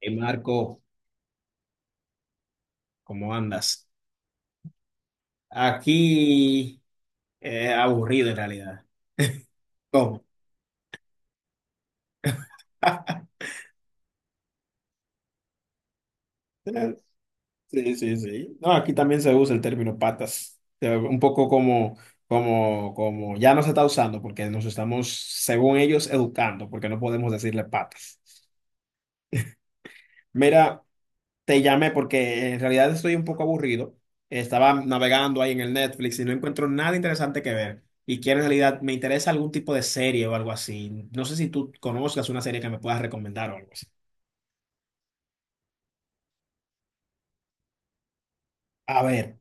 Y Marco, ¿cómo andas? Aquí aburrido en realidad. ¿Cómo? Sí, sí, sí. No, aquí también se usa el término patas. Un poco como, como ya no se está usando porque nos estamos, según ellos, educando porque no podemos decirle patas. Mira, te llamé porque en realidad estoy un poco aburrido. Estaba navegando ahí en el Netflix y no encuentro nada interesante que ver. Y quiero en realidad me interesa algún tipo de serie o algo así. No sé si tú conozcas una serie que me puedas recomendar o algo así. A ver,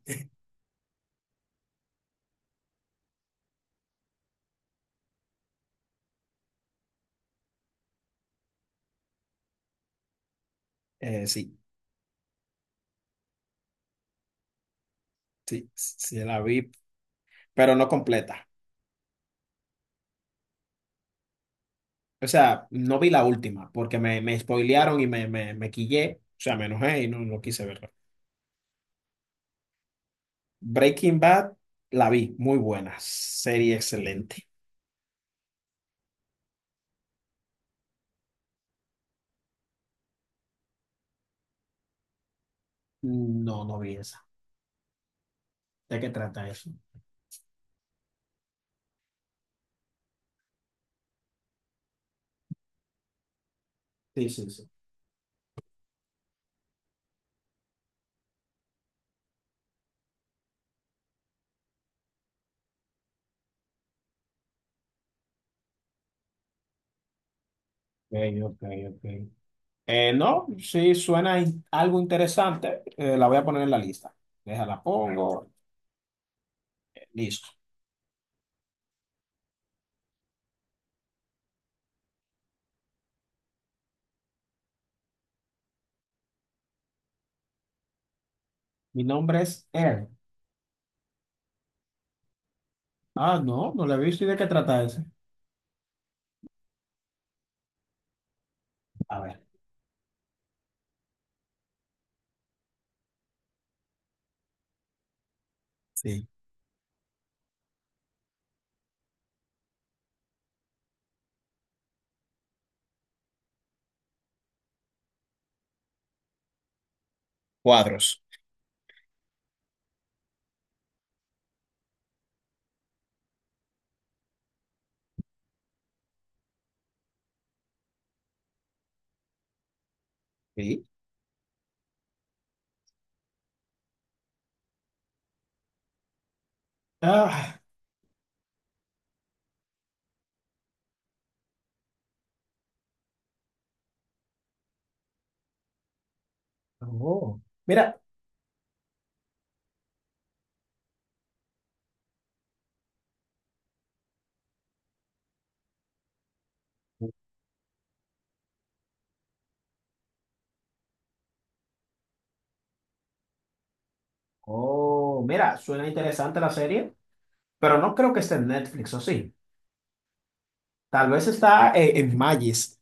sí, sí, sí la vi, pero no completa. O sea, no vi la última porque me spoilearon y me quillé. O sea, me enojé y no, no quise verla. Breaking Bad la vi, muy buena, serie excelente. No, no vi esa. ¿De qué trata eso? Sí, sí, sí. Ok, ok, ok. No, sí, suena algo interesante. La voy a poner en la lista. Déjala, pongo. Listo. Mi nombre es Er. Ah, no, no la he visto. ¿Y de qué trata ese? A ver. Sí. Cuadros. Sí. Ah, oh. Mira. Oh, mira, suena interesante la serie, pero no creo que esté en Netflix, ¿o sí? Tal vez está en Magis.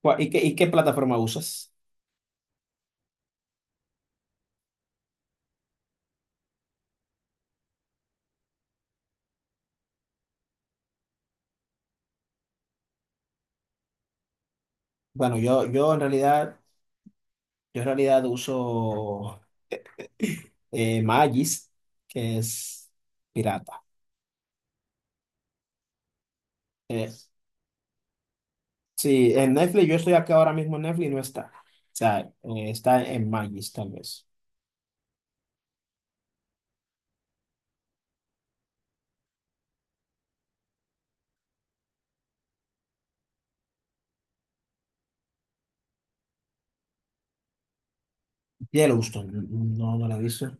Y qué plataforma usas? Bueno, yo en realidad uso. Magis, que es pirata. Eh, sí, en Netflix, yo estoy acá ahora mismo en Netflix y no está. O sea, está en Magis, tal vez. Yellowstone, no, no la he visto.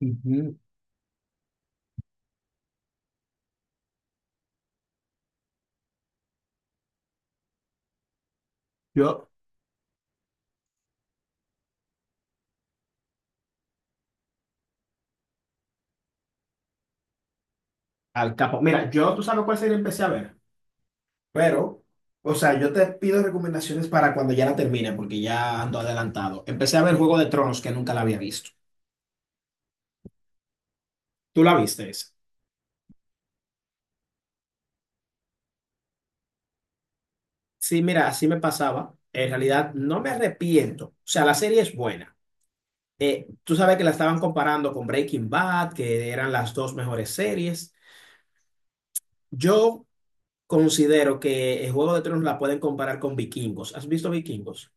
Ujú. Yo, al capo. Mira, yo, tú sabes cuál serie empecé a ver, pero, o sea, yo te pido recomendaciones para cuando ya la termine, porque ya ando adelantado. Empecé a ver Juego de Tronos, que nunca la había visto. ¿Tú la viste esa? Sí, mira, así me pasaba. En realidad, no me arrepiento. O sea, la serie es buena. Tú sabes que la estaban comparando con Breaking Bad, que eran las dos mejores series. Yo considero que el Juego de Tronos la pueden comparar con Vikingos. ¿Has visto Vikingos?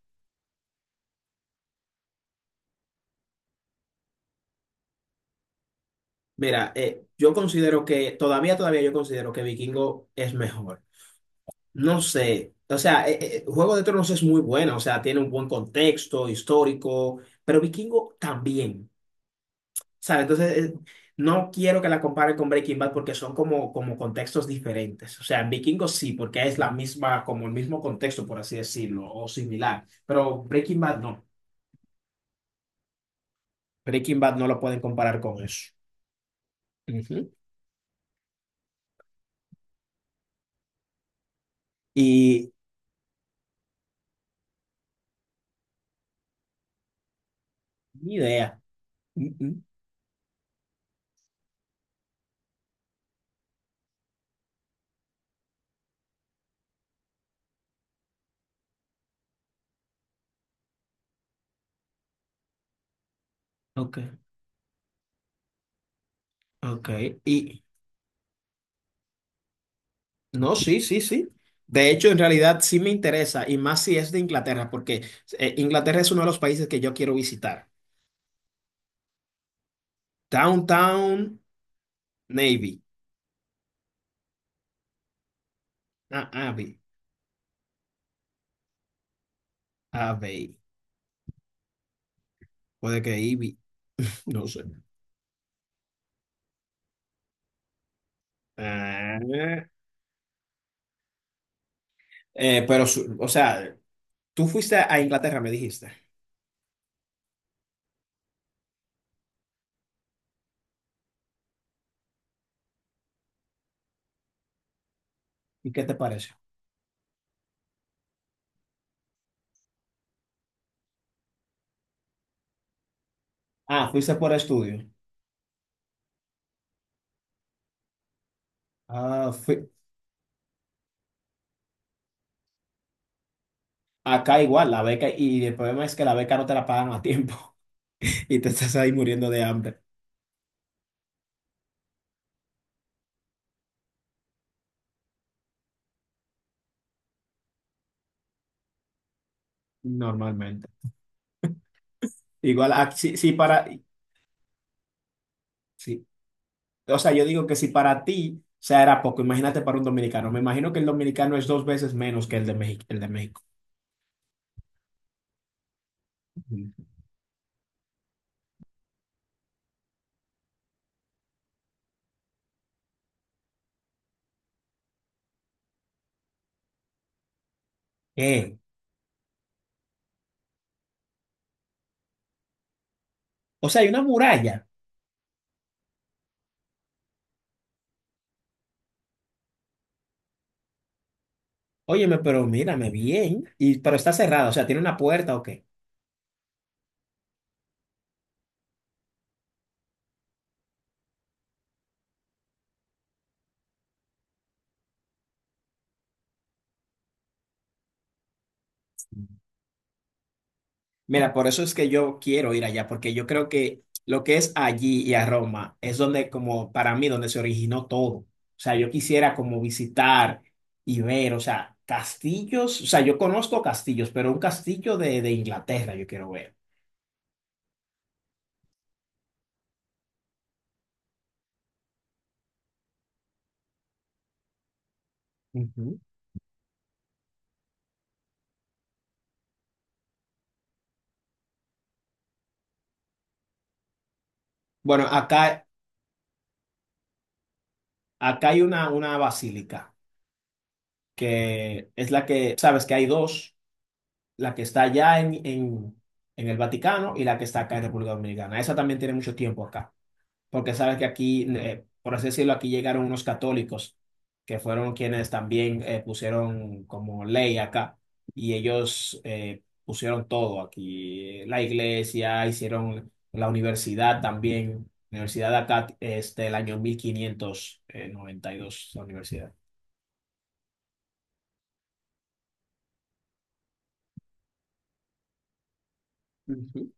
Mira, yo considero que todavía yo considero que Vikingo es mejor. No sé, o sea, Juego de Tronos es muy buena, o sea, tiene un buen contexto histórico, pero Vikingo también. ¿Sabes? Entonces, no quiero que la comparen con Breaking Bad porque son como contextos diferentes. O sea, en Vikingos sí, porque es la misma, como el mismo contexto, por así decirlo, o similar. Pero Breaking Bad no. Breaking Bad no lo pueden comparar con eso. Ujú. Y ni idea. Mm, mm. Ok, ok. Y no, sí, sí, sí. De hecho, en realidad sí me interesa, y más si es de Inglaterra, porque Inglaterra es uno de los países que yo quiero visitar. Downtown Navy. Ah, Abbey. Abbey. Puede que Ivy, no sé. Ah, pero, o sea, tú fuiste a Inglaterra, me dijiste. ¿Y qué te parece? Ah, fuiste por estudio. Ah, fui- Acá igual, la beca, y el problema es que la beca no te la pagan a tiempo y te estás ahí muriendo de hambre. Normalmente. Igual, ah, sí, sí, para, sí. O sea, yo digo que si para ti, o sea, era poco, imagínate para un dominicano. Me imagino que el dominicano es dos veces menos que el de México, el de México. Ujú. ¿Qué? O sea, hay una muralla. Óyeme, pero mírame bien. Y, pero está cerrada, o sea, ¿tiene una puerta o qué? Mira, por eso es que yo quiero ir allá, porque yo creo que lo que es allí y a Roma es donde, como para mí, donde se originó todo. O sea, yo quisiera como visitar y ver, o sea, castillos, o sea, yo conozco castillos, pero un castillo de Inglaterra yo quiero ver. Ujú. Bueno, acá, acá hay una basílica, que es la que, sabes que hay dos. La que está allá en, en el Vaticano y la que está acá en República Dominicana. Esa también tiene mucho tiempo acá, porque sabes que aquí, por así decirlo, aquí llegaron unos católicos que fueron quienes también pusieron como ley acá y ellos pusieron todo aquí, la iglesia, hicieron la universidad también. La universidad de acá, este, el año 1592 la universidad. Ujú.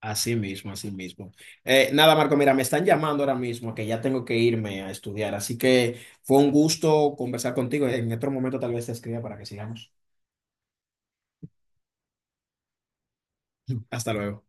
Así mismo, así mismo. Nada, Marco, mira, me están llamando ahora mismo que ya tengo que irme a estudiar, así que fue un gusto conversar contigo. En otro momento tal vez te escriba para que sigamos. Hasta luego.